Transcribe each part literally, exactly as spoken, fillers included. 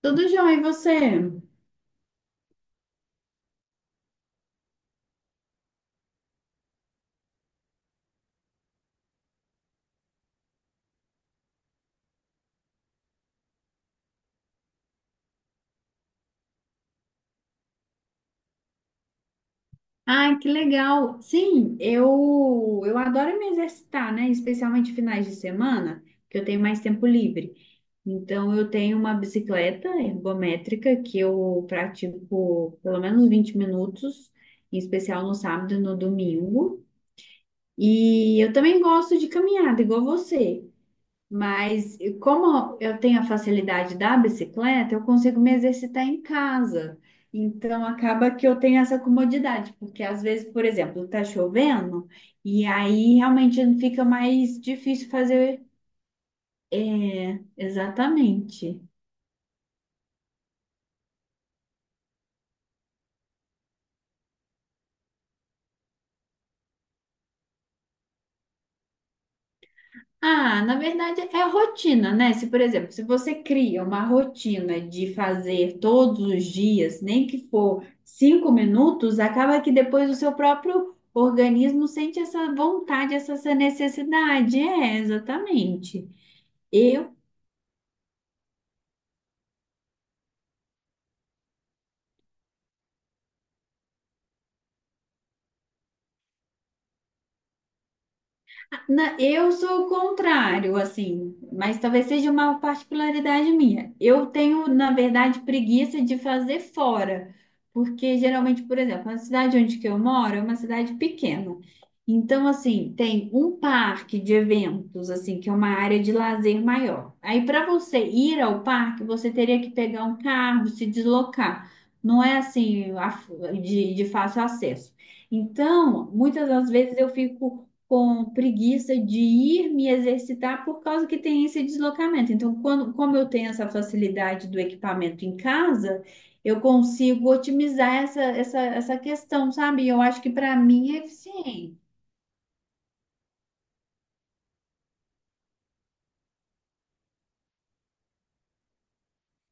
Tudo jóia, e você? Ai, que legal. Sim, eu eu adoro me exercitar, né? Especialmente finais de semana, que eu tenho mais tempo livre. Então, eu tenho uma bicicleta ergométrica que eu pratico pelo menos vinte minutos, em especial no sábado e no domingo. E eu também gosto de caminhada, igual você. Mas e como eu tenho a facilidade da bicicleta, eu consigo me exercitar em casa. Então acaba que eu tenho essa comodidade, porque às vezes, por exemplo, está chovendo e aí realmente fica mais difícil fazer. É, exatamente. Ah, na verdade é a rotina, né? Se, por exemplo, se você cria uma rotina de fazer todos os dias, nem que for cinco minutos, acaba que depois o seu próprio organismo sente essa vontade, essa essa necessidade. É, exatamente. Eu Na- eu sou o contrário, assim, mas talvez seja uma particularidade minha. Eu tenho, na verdade, preguiça de fazer fora, porque geralmente, por exemplo, na cidade onde que eu moro é uma cidade pequena. Então, assim, tem um parque de eventos, assim, que é uma área de lazer maior. Aí, para você ir ao parque, você teria que pegar um carro, se deslocar. Não é assim, a- de de fácil acesso. Então, muitas das vezes eu fico com preguiça de ir me exercitar por causa que tem esse deslocamento. Então, quando, como eu tenho essa facilidade do equipamento em casa, eu consigo otimizar essa, essa, essa questão, sabe? Eu acho que para mim é eficiente.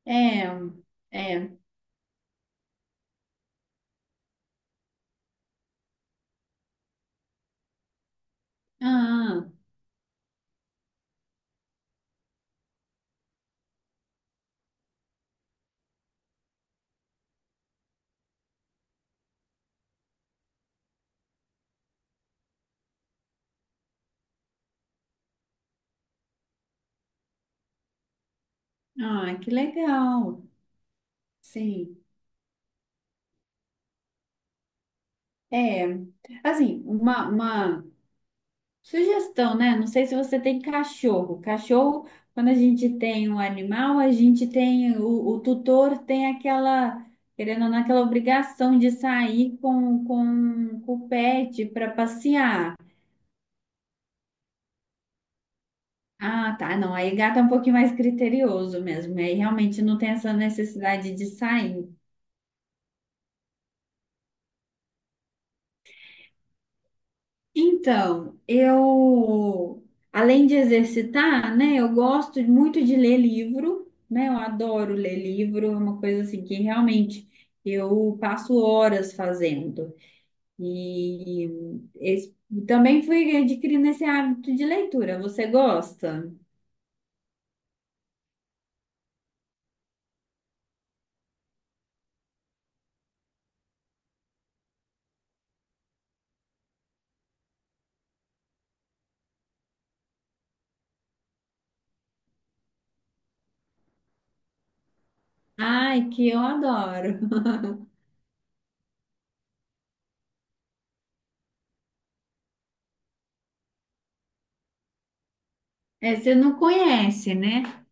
É, é. Ah, ah, que legal. Sim. É, assim, uma, uma, sugestão, né? Não sei se você tem cachorro. Cachorro, quando a gente tem um animal, a gente tem o, o tutor tem aquela, querendo ou não, aquela obrigação de sair com, com, com o pet para passear. Ah, tá. Não, aí gato é um pouquinho mais criterioso mesmo. Aí realmente não tem essa necessidade de sair. Então, eu, além de exercitar, né, eu gosto muito de ler livro, né, eu adoro ler livro, é uma coisa assim que realmente eu passo horas fazendo. E es- também fui adquirindo esse hábito de leitura. Você gosta? Ai, que eu adoro. É, você não conhece, né?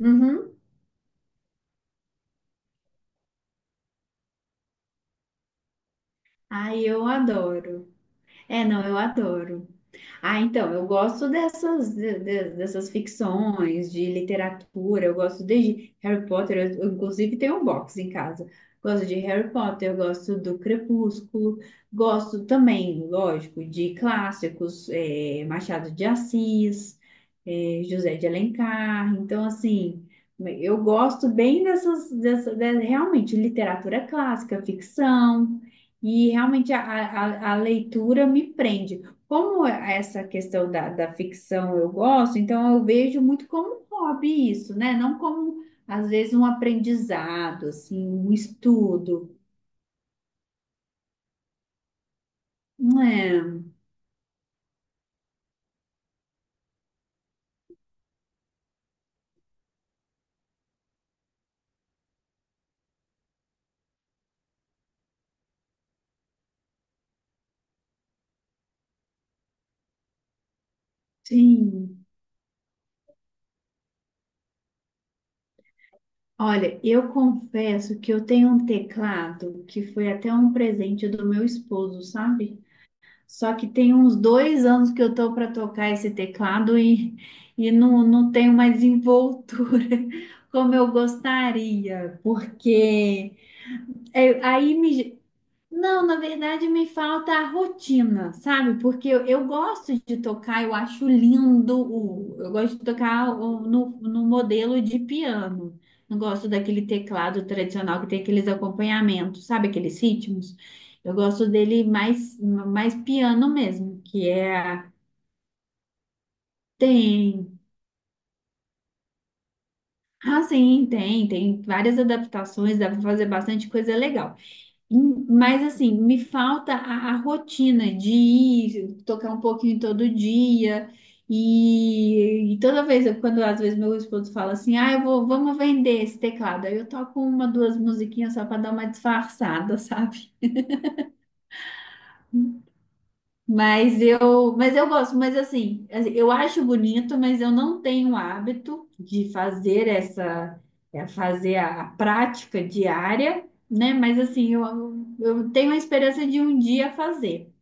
Uhum. Ai, eu adoro. É, não, eu adoro. Ah, então, eu gosto dessas, de- de- dessas ficções, de literatura, eu gosto desde Harry Potter, eu, eu, inclusive tenho um box em casa. Gosto de Harry Potter, eu gosto do Crepúsculo, gosto também, lógico, de clássicos, eh, Machado de Assis, eh, José de Alencar. Então, assim, eu gosto bem dessas, dessa, de-, realmente, literatura clássica, ficção, e realmente a, a a- a leitura me prende. Como é essa questão da, da ficção eu gosto, então eu vejo muito como um hobby isso, né? Não como, às vezes, um aprendizado, assim, um estudo. Não é? Sim. Olha, eu confesso que eu tenho um teclado que foi até um presente do meu esposo, sabe? Só que tem uns dois anos que eu tô para tocar esse teclado e, e não, não tenho mais envoltura como eu gostaria, porque. É, Aí me, não, na verdade me falta a rotina, sabe? Porque eu, eu gosto de tocar, eu acho lindo, o, eu gosto de tocar o- no, no modelo de piano. Não gosto daquele teclado tradicional que tem aqueles acompanhamentos, sabe? Aqueles ritmos. Eu gosto dele mais, mais piano mesmo, que é... Tem, ah, sim, tem, tem várias adaptações, dá para fazer bastante coisa legal. Hum, Mas assim, me falta a, a rotina de ir tocar um pouquinho todo dia. E, e toda vez, eu- quando às vezes meu esposo fala assim, ah, eu vou, vamos vender esse teclado. Aí eu toco uma, duas musiquinhas só para dar uma disfarçada, sabe? Mas eu, mas eu gosto, mas assim, assim, eu acho bonito, mas eu não tenho o hábito de fazer essa, é, fazer a, a prática diária, né? Mas assim, eu, eu tenho a esperança de um dia fazer.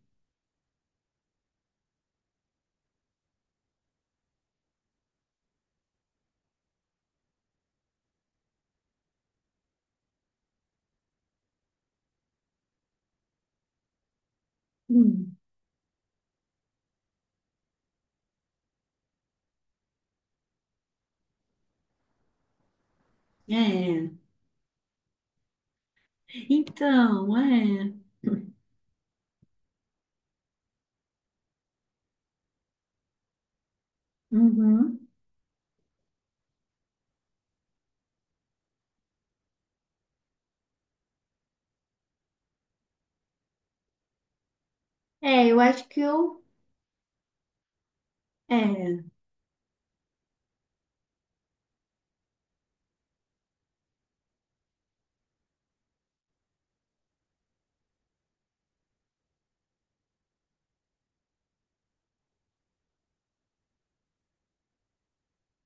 Hum. É, então, é. Uhum. É, eu acho que eu. É.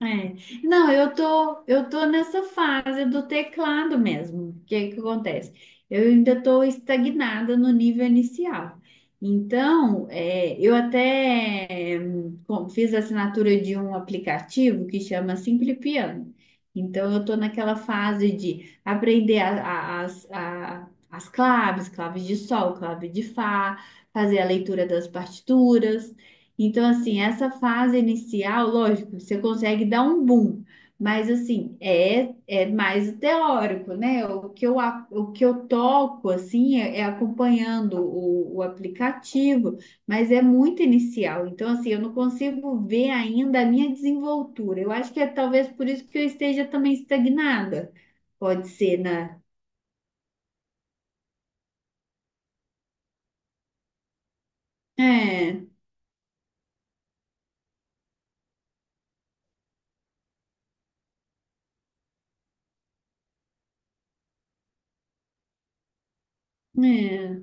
É. Não, eu tô, eu tô nessa fase do teclado mesmo. O que que acontece? Eu ainda tô estagnada no nível inicial. Então, é, eu até é, com- fiz a assinatura de um aplicativo que chama Simple Piano. Então, eu tô naquela fase de aprender a- a- as, a- as claves, claves de sol, clave de fá, fazer a leitura das partituras. Então, assim, essa fase inicial, lógico, você consegue dar um boom, mas, assim, é, é mais o teórico, né? O que eu, a- o que eu toco, assim, é, é acompanhando o, o aplicativo, mas é muito inicial. Então, assim, eu não consigo ver ainda a minha desenvoltura. Eu acho que é talvez por isso que eu esteja também estagnada. Pode ser na. É, é.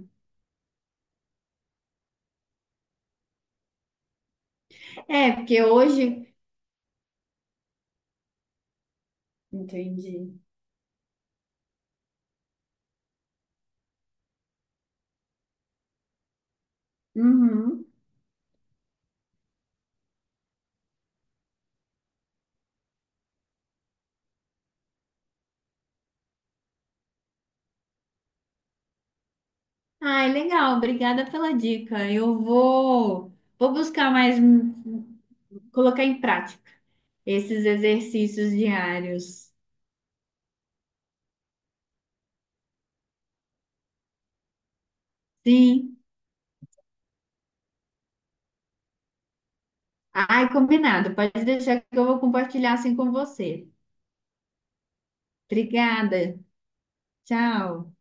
É, porque hoje. Entendi. Uhum. Ai, legal, obrigada pela dica. Eu vou, vou buscar mais, hum, colocar em prática esses exercícios diários. Sim. Ai, combinado. Pode deixar que eu vou compartilhar assim com você. Obrigada. Tchau.